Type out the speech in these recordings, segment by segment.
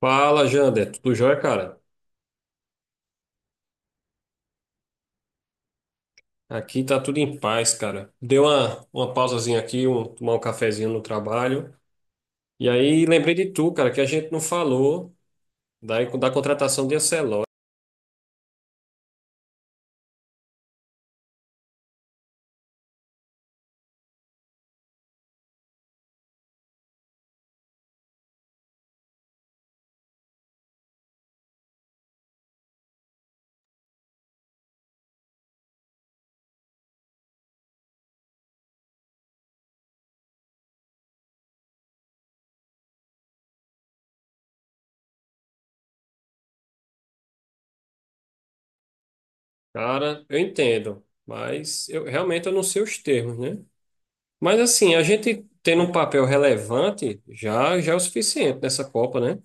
Fala, Jander. Tudo jóia, cara? Aqui tá tudo em paz, cara. Deu uma pausazinha aqui, tomar um cafezinho no trabalho. E aí lembrei de tu, cara, que a gente não falou da contratação de Ancelotti. Cara, eu entendo, mas eu realmente eu não sei os termos, né? Mas assim, a gente tendo um papel relevante já é o suficiente nessa Copa, né?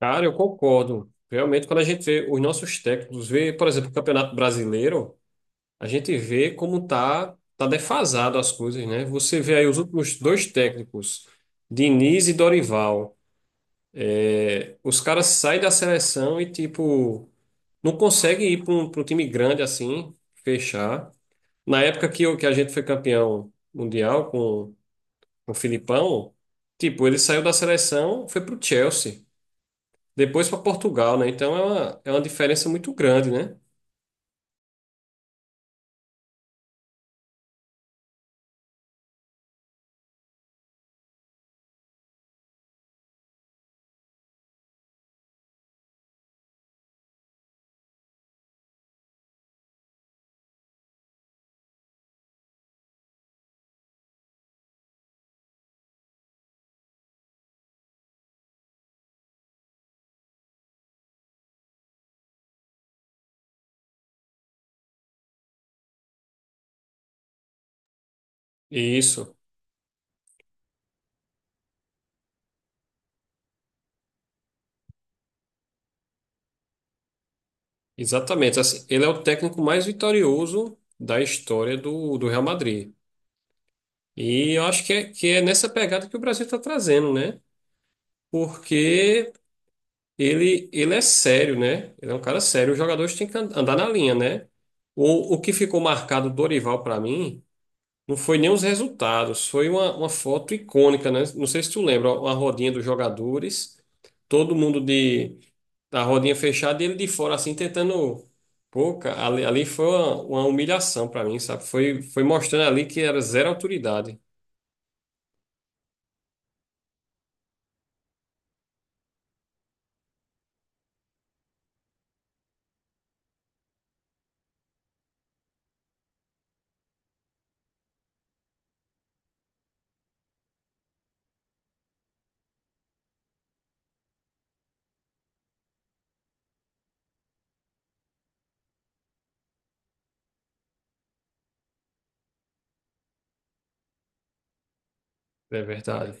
Cara, eu concordo. Realmente, quando a gente vê os nossos técnicos, vê, por exemplo, o Campeonato Brasileiro. A gente vê como tá defasado as coisas, né? Você vê aí os últimos dois técnicos, Diniz e Dorival. Os caras saem da seleção e, tipo, não conseguem ir para pra um time grande assim, fechar. Na época que a gente foi campeão mundial com o Filipão, tipo, ele saiu da seleção, foi para o Chelsea, depois para Portugal, né? Então é uma diferença muito grande, né? Isso. Exatamente. Assim, ele é o técnico mais vitorioso da história do Real Madrid. E eu acho que é nessa pegada que o Brasil está trazendo, né? Porque ele é sério, né? Ele é um cara sério. Os jogadores têm que andar na linha, né? O que ficou marcado do Dorival para mim. Não foi nem os resultados, foi uma foto icônica, né? Não sei se tu lembra, ó, uma rodinha dos jogadores, todo mundo de a rodinha fechada e ele de fora assim tentando. Pô, cara, ali foi uma humilhação pra mim, sabe? Foi mostrando ali que era zero autoridade. É verdade.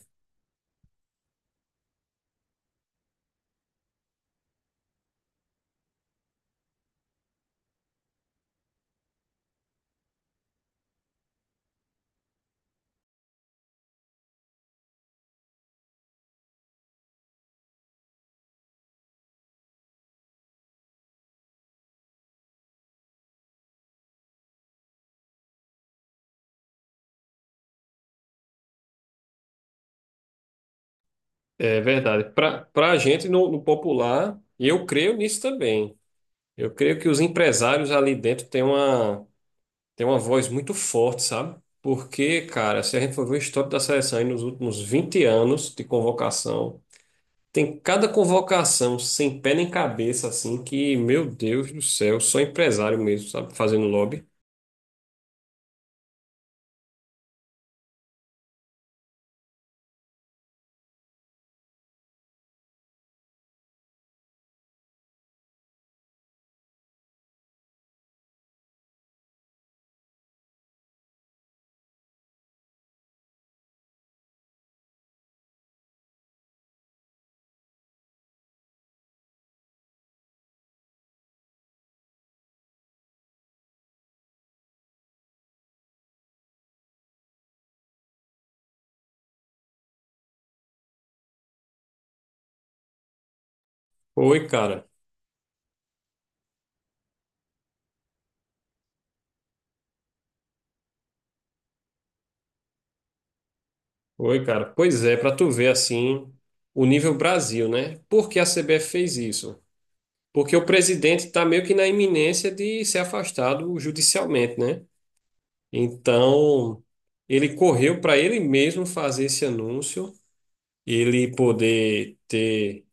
É verdade. Pra para gente no popular, e eu creio nisso também. Eu creio que os empresários ali dentro têm uma Tem uma voz muito forte, sabe? Porque, cara, se a gente for ver o histórico da seleção aí nos últimos 20 anos de convocação, tem cada convocação sem pé nem cabeça, assim, que, meu Deus do céu, só empresário mesmo, sabe? Fazendo lobby. Oi, cara. Oi, cara. Pois é, pra tu ver, assim, o nível Brasil, né? Por que a CBF fez isso? Porque o presidente tá meio que na iminência de ser afastado judicialmente, né? Então, ele correu para ele mesmo fazer esse anúncio ele poder ter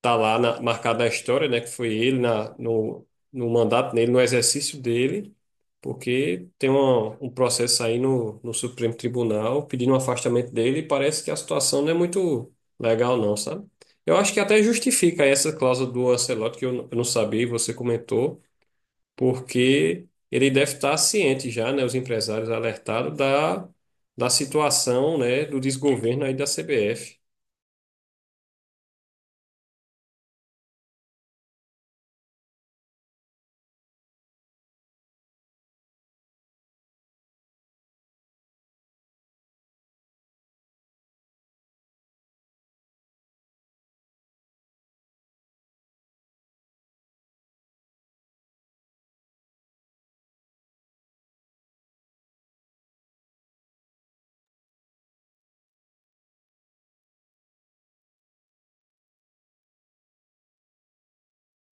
tá lá na, marcado na história, né, que foi ele na, no, no mandato dele, no exercício dele, porque tem uma, um processo aí no Supremo Tribunal pedindo o afastamento dele e parece que a situação não é muito legal não, sabe? Eu acho que até justifica essa cláusula do Ancelotti que eu não sabia e você comentou, porque ele deve estar ciente já, né, os empresários alertados da da situação, né, do desgoverno aí da CBF.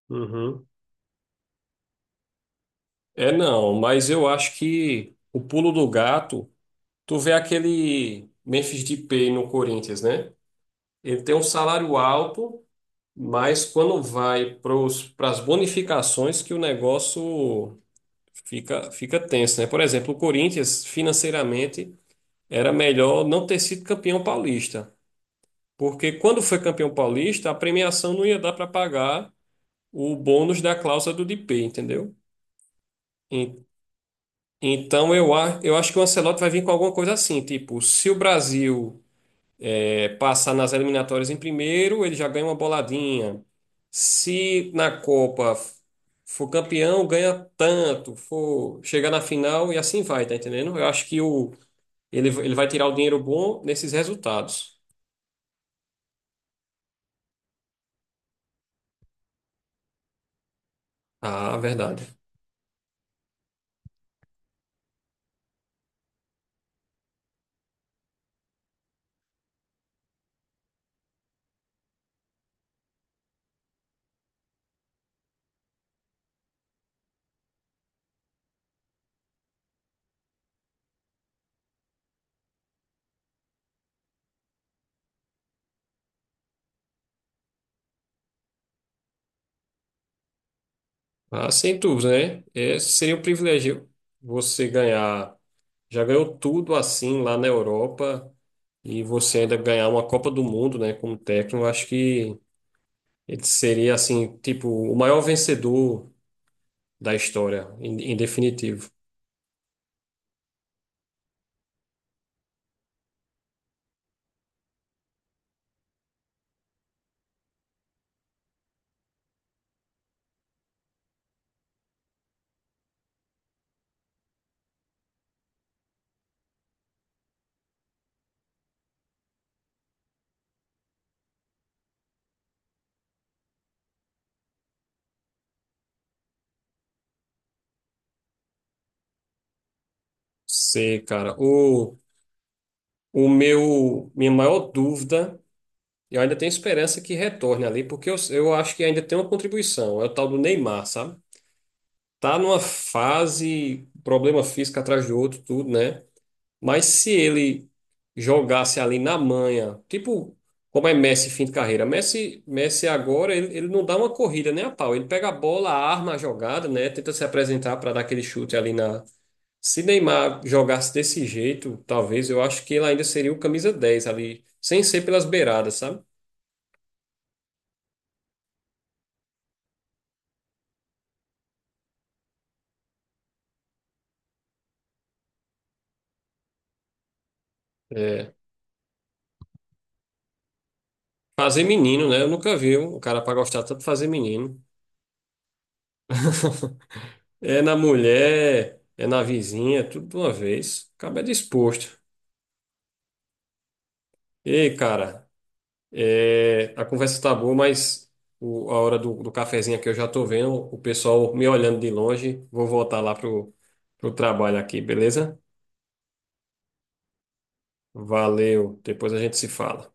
Uhum. É não, mas eu acho que o pulo do gato, tu vê aquele Memphis Depay no Corinthians, né? Ele tem um salário alto, mas quando vai para as bonificações que o negócio fica tenso, né? Por exemplo, o Corinthians financeiramente era melhor não ter sido campeão paulista, porque quando foi campeão paulista, a premiação não ia dar para pagar o bônus da cláusula do Depay, entendeu? Então eu acho que o Ancelotti vai vir com alguma coisa assim, tipo, se o Brasil é, passar nas eliminatórias em primeiro, ele já ganha uma boladinha. Se na Copa for campeão, ganha tanto, for chegar na final e assim vai, tá entendendo? Eu acho que o, ele vai tirar o dinheiro bom nesses resultados. Ah, verdade. Ah, sem dúvida, né? É, seria um privilégio você ganhar. Já ganhou tudo assim lá na Europa e você ainda ganhar uma Copa do Mundo, né, como técnico, eu acho que ele seria assim, tipo, o maior vencedor da história, em definitivo. Sei, cara. O, minha maior dúvida, eu ainda tenho esperança que retorne ali, porque eu acho que ainda tem uma contribuição, é o tal do Neymar, sabe? Tá numa fase, problema físico atrás do outro, tudo, né? Mas se ele jogasse ali na manha, tipo como é Messi fim de carreira, Messi agora ele não dá uma corrida nem a pau, ele pega a bola, arma a jogada, né? Tenta se apresentar para dar aquele chute ali na. Se Neymar jogasse desse jeito, talvez eu acho que ele ainda seria o camisa 10 ali, sem ser pelas beiradas, sabe? É. Fazer menino, né? Eu nunca vi um cara para gostar tanto de fazer menino. É na mulher, é na vizinha, tudo de uma vez. Acaba disposto. Ei, cara, é, a conversa tá boa, mas a hora do cafezinho aqui eu já tô vendo o pessoal me olhando de longe. Vou voltar lá pro, pro trabalho aqui, beleza? Valeu, depois a gente se fala.